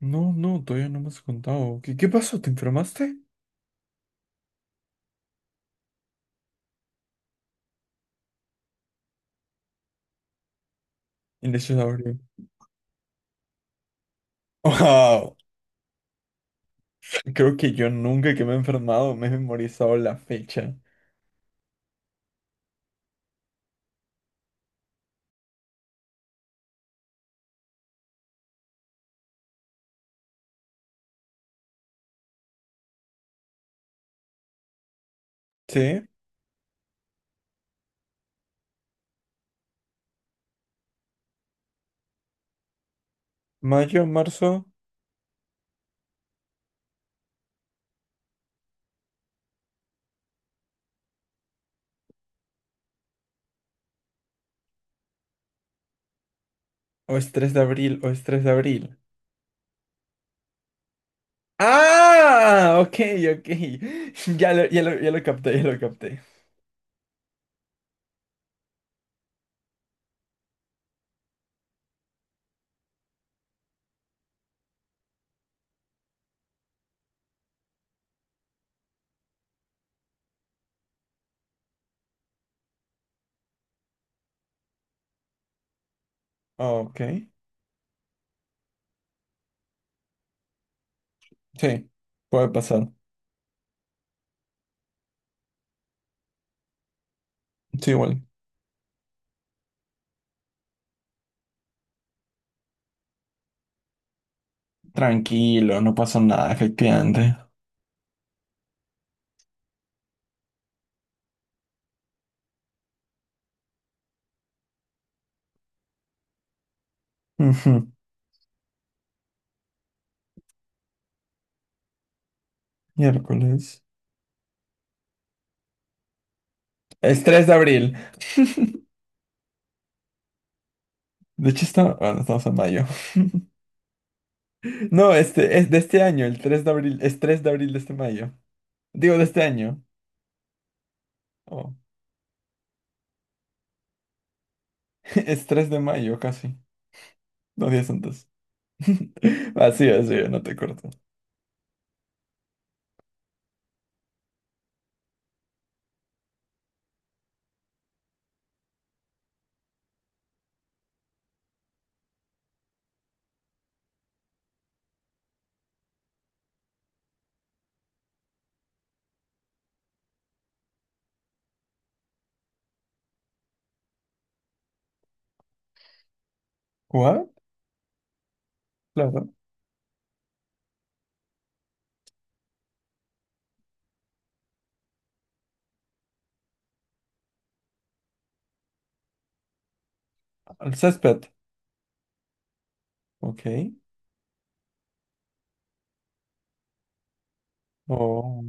No, no, todavía no me has contado. ¿Qué, qué pasó? ¿Te enfermaste? Innecesario. Wow, creo que yo nunca que me he enfermado me he memorizado la fecha. ¿Sí? ¿Mayo, marzo? ¿O es 3 de abril? ¿O es 3 de abril? ¡Ah! Ok, ok. Ya lo capté, ya lo capté. Ah, ok. Sí, puede pasar. Sí, igual. Tranquilo, no pasó nada, efectivamente. Ujú. Miércoles. Es 3 de abril. De hecho, ah, no, estamos en mayo. No, este es de este año, el tres de abril, es 3 de abril de este mayo. Digo, de este año. Oh, es 3 de mayo casi, dos días antes. Así, así, no te corto. ¿What? Claro. El césped. Ok. Oh,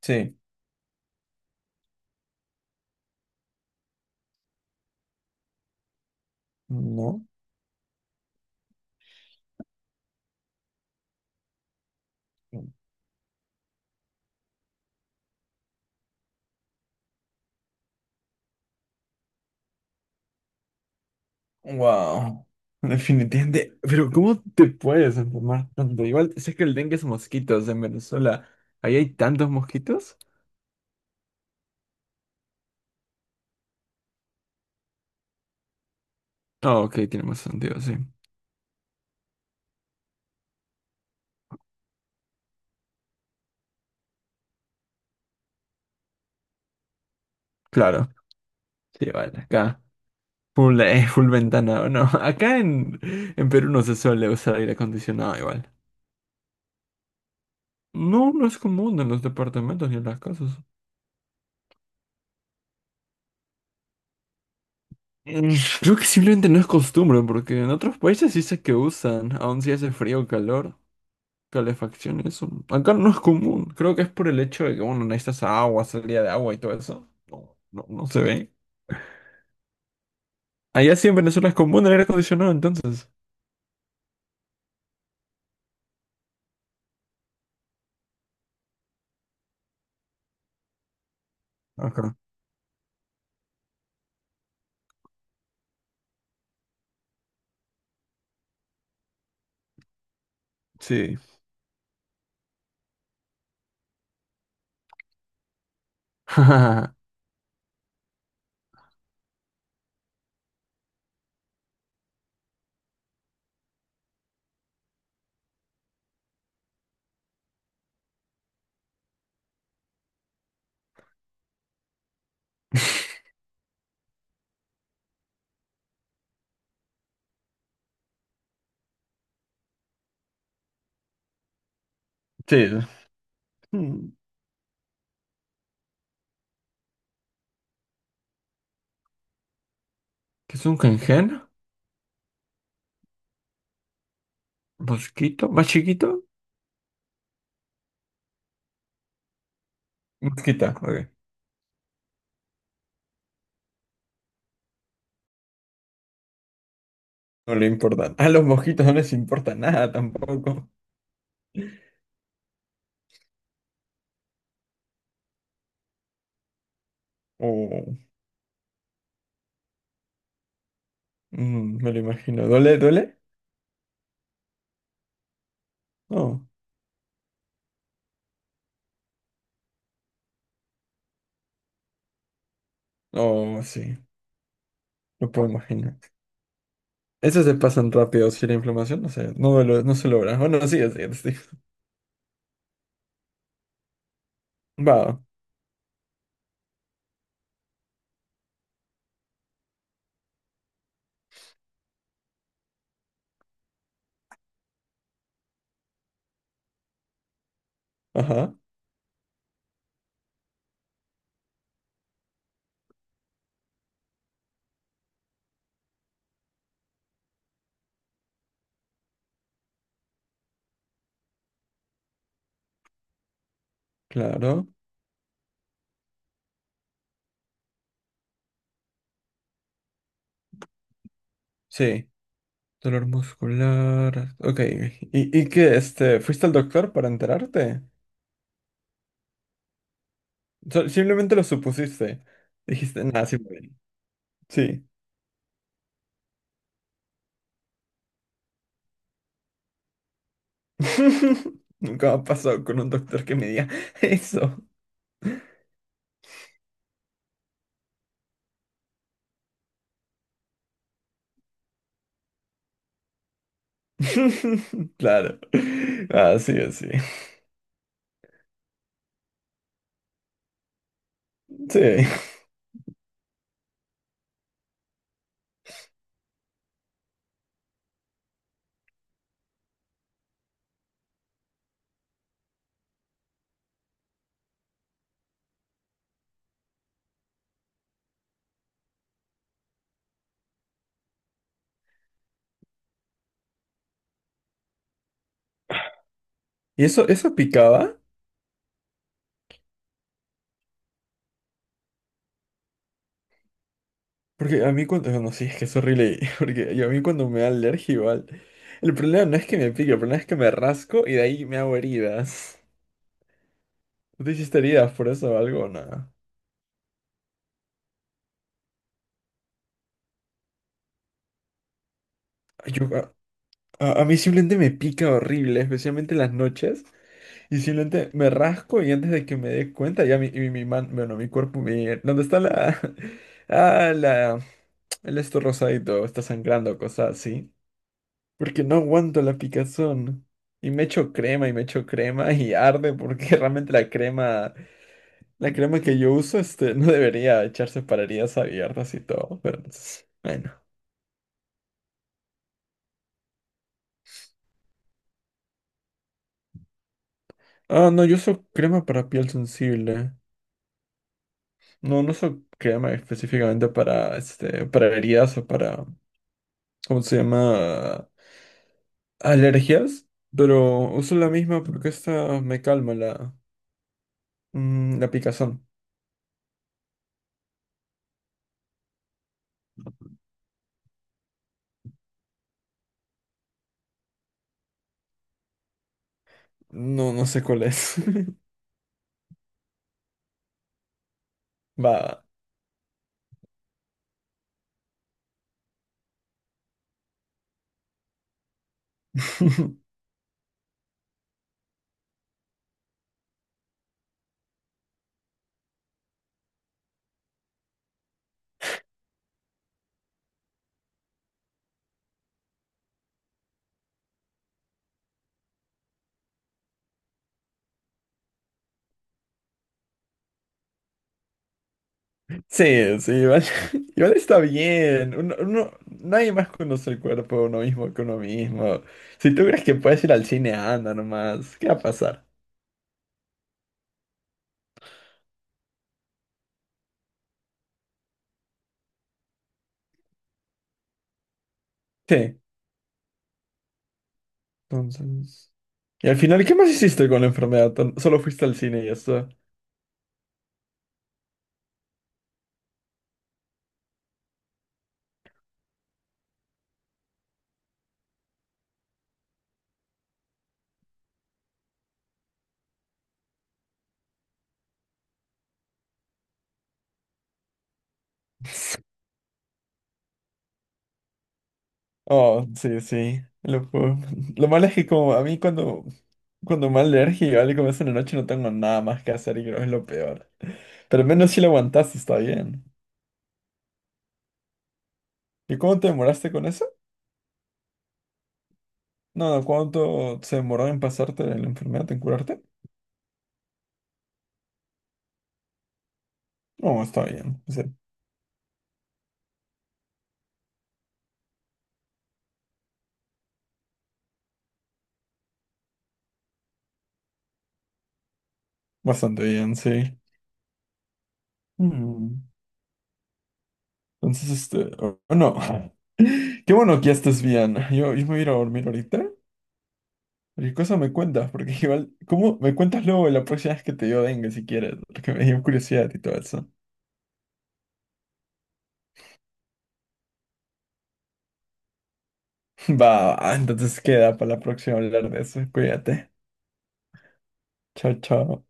sí. No. Wow. Definitivamente. Pero ¿cómo te puedes enfermar tanto? Igual sé que el dengue es mosquitos en Venezuela. ¿Ahí hay tantos mosquitos? Ah, ok, tiene más sentido, sí. Claro. Sí, vale, acá. Full, full ventana, ¿o no? En Perú no se suele usar aire acondicionado igual. No, no es común en los departamentos ni en las casas. Mm, Creo que simplemente no es costumbre, porque en otros países sí sé que usan, aun si hace frío o calor, calefacción, eso. Acá no es común. Creo que es por el hecho de que, bueno, necesitas agua, salida de agua y todo eso. No, no, no se ve. Allá sí en Venezuela es común el aire acondicionado, entonces. Acá. Sí. Sí. Mm, ¿qué es un cangrejo? ¿Mosquito? ¿Más chiquito? Mosquita, ok. No le importa. A los mosquitos no les importa nada tampoco. Oh, mm, me lo imagino. ¿Duele? ¿Duele? No. Oh, sí. Lo puedo imaginar. Esos se pasan rápido si la inflamación no, no se logra. Bueno, sí, así es. Sí. Va. Ajá. Claro. Sí. Dolor muscular. Ok. Y qué? Este, ¿fuiste al doctor para enterarte? Simplemente lo supusiste. Dijiste, nada, sí, me duele". Sí. Nunca me ha pasado con un doctor que me diga eso. Claro. Así, así. Sí. Sí. ¿Y eso picaba? Porque a mí cuando... No, sí, es que es horrible. Porque yo a mí cuando me da alergia igual... El problema no es que me pique, el problema es que me rasco y de ahí me hago heridas. ¿Tú te hiciste heridas por eso o algo? O nada. A, a mí simplemente me pica horrible, especialmente en las noches. Y simplemente me rasco y antes de que me dé cuenta, ya mi man, bueno, mi cuerpo, mi, ¿dónde está la, ah, la, el esto rosadito, está sangrando, cosas así. Porque no aguanto la picazón. Y me echo crema y me echo crema y arde porque realmente la crema que yo uso, este, no debería echarse para heridas abiertas y todo, pero pues, bueno. Ah, no, yo uso crema para piel sensible. No, no uso crema específicamente para, este, para heridas o para ¿cómo se llama? Alergias, pero uso la misma porque esta me calma la, mm, la picazón. No, no sé cuál es. Va. Sí, sí, igual, igual está bien. Nadie más conoce el cuerpo de uno mismo que uno mismo. Si tú crees que puedes ir al cine, anda nomás. ¿Qué va a pasar? Sí, entonces. Y al final, ¿qué más hiciste con la enfermedad? Solo fuiste al cine y ya está. Oh, sí, sí. Lo malo es que como a mí cuando me da alergia, ¿vale? Como es en la noche no tengo nada más que hacer y creo que es lo peor. Pero al menos si lo aguantaste, está bien. ¿Y cómo te demoraste con eso? No, no, ¿cuánto se demoró en pasarte la enfermedad, en curarte? No, está bien. O sea, bastante bien, sí. Mm. Entonces, este, oh, no. Qué bueno que ya estés bien. Yo me voy a ir a dormir ahorita. ¿Y qué cosa me cuentas? Porque igual, ¿cómo me cuentas luego la próxima vez que te dio dengue si quieres? Porque me dio curiosidad y todo eso. Va, va, entonces queda para la próxima hablar de eso. Cuídate. Chao, chao.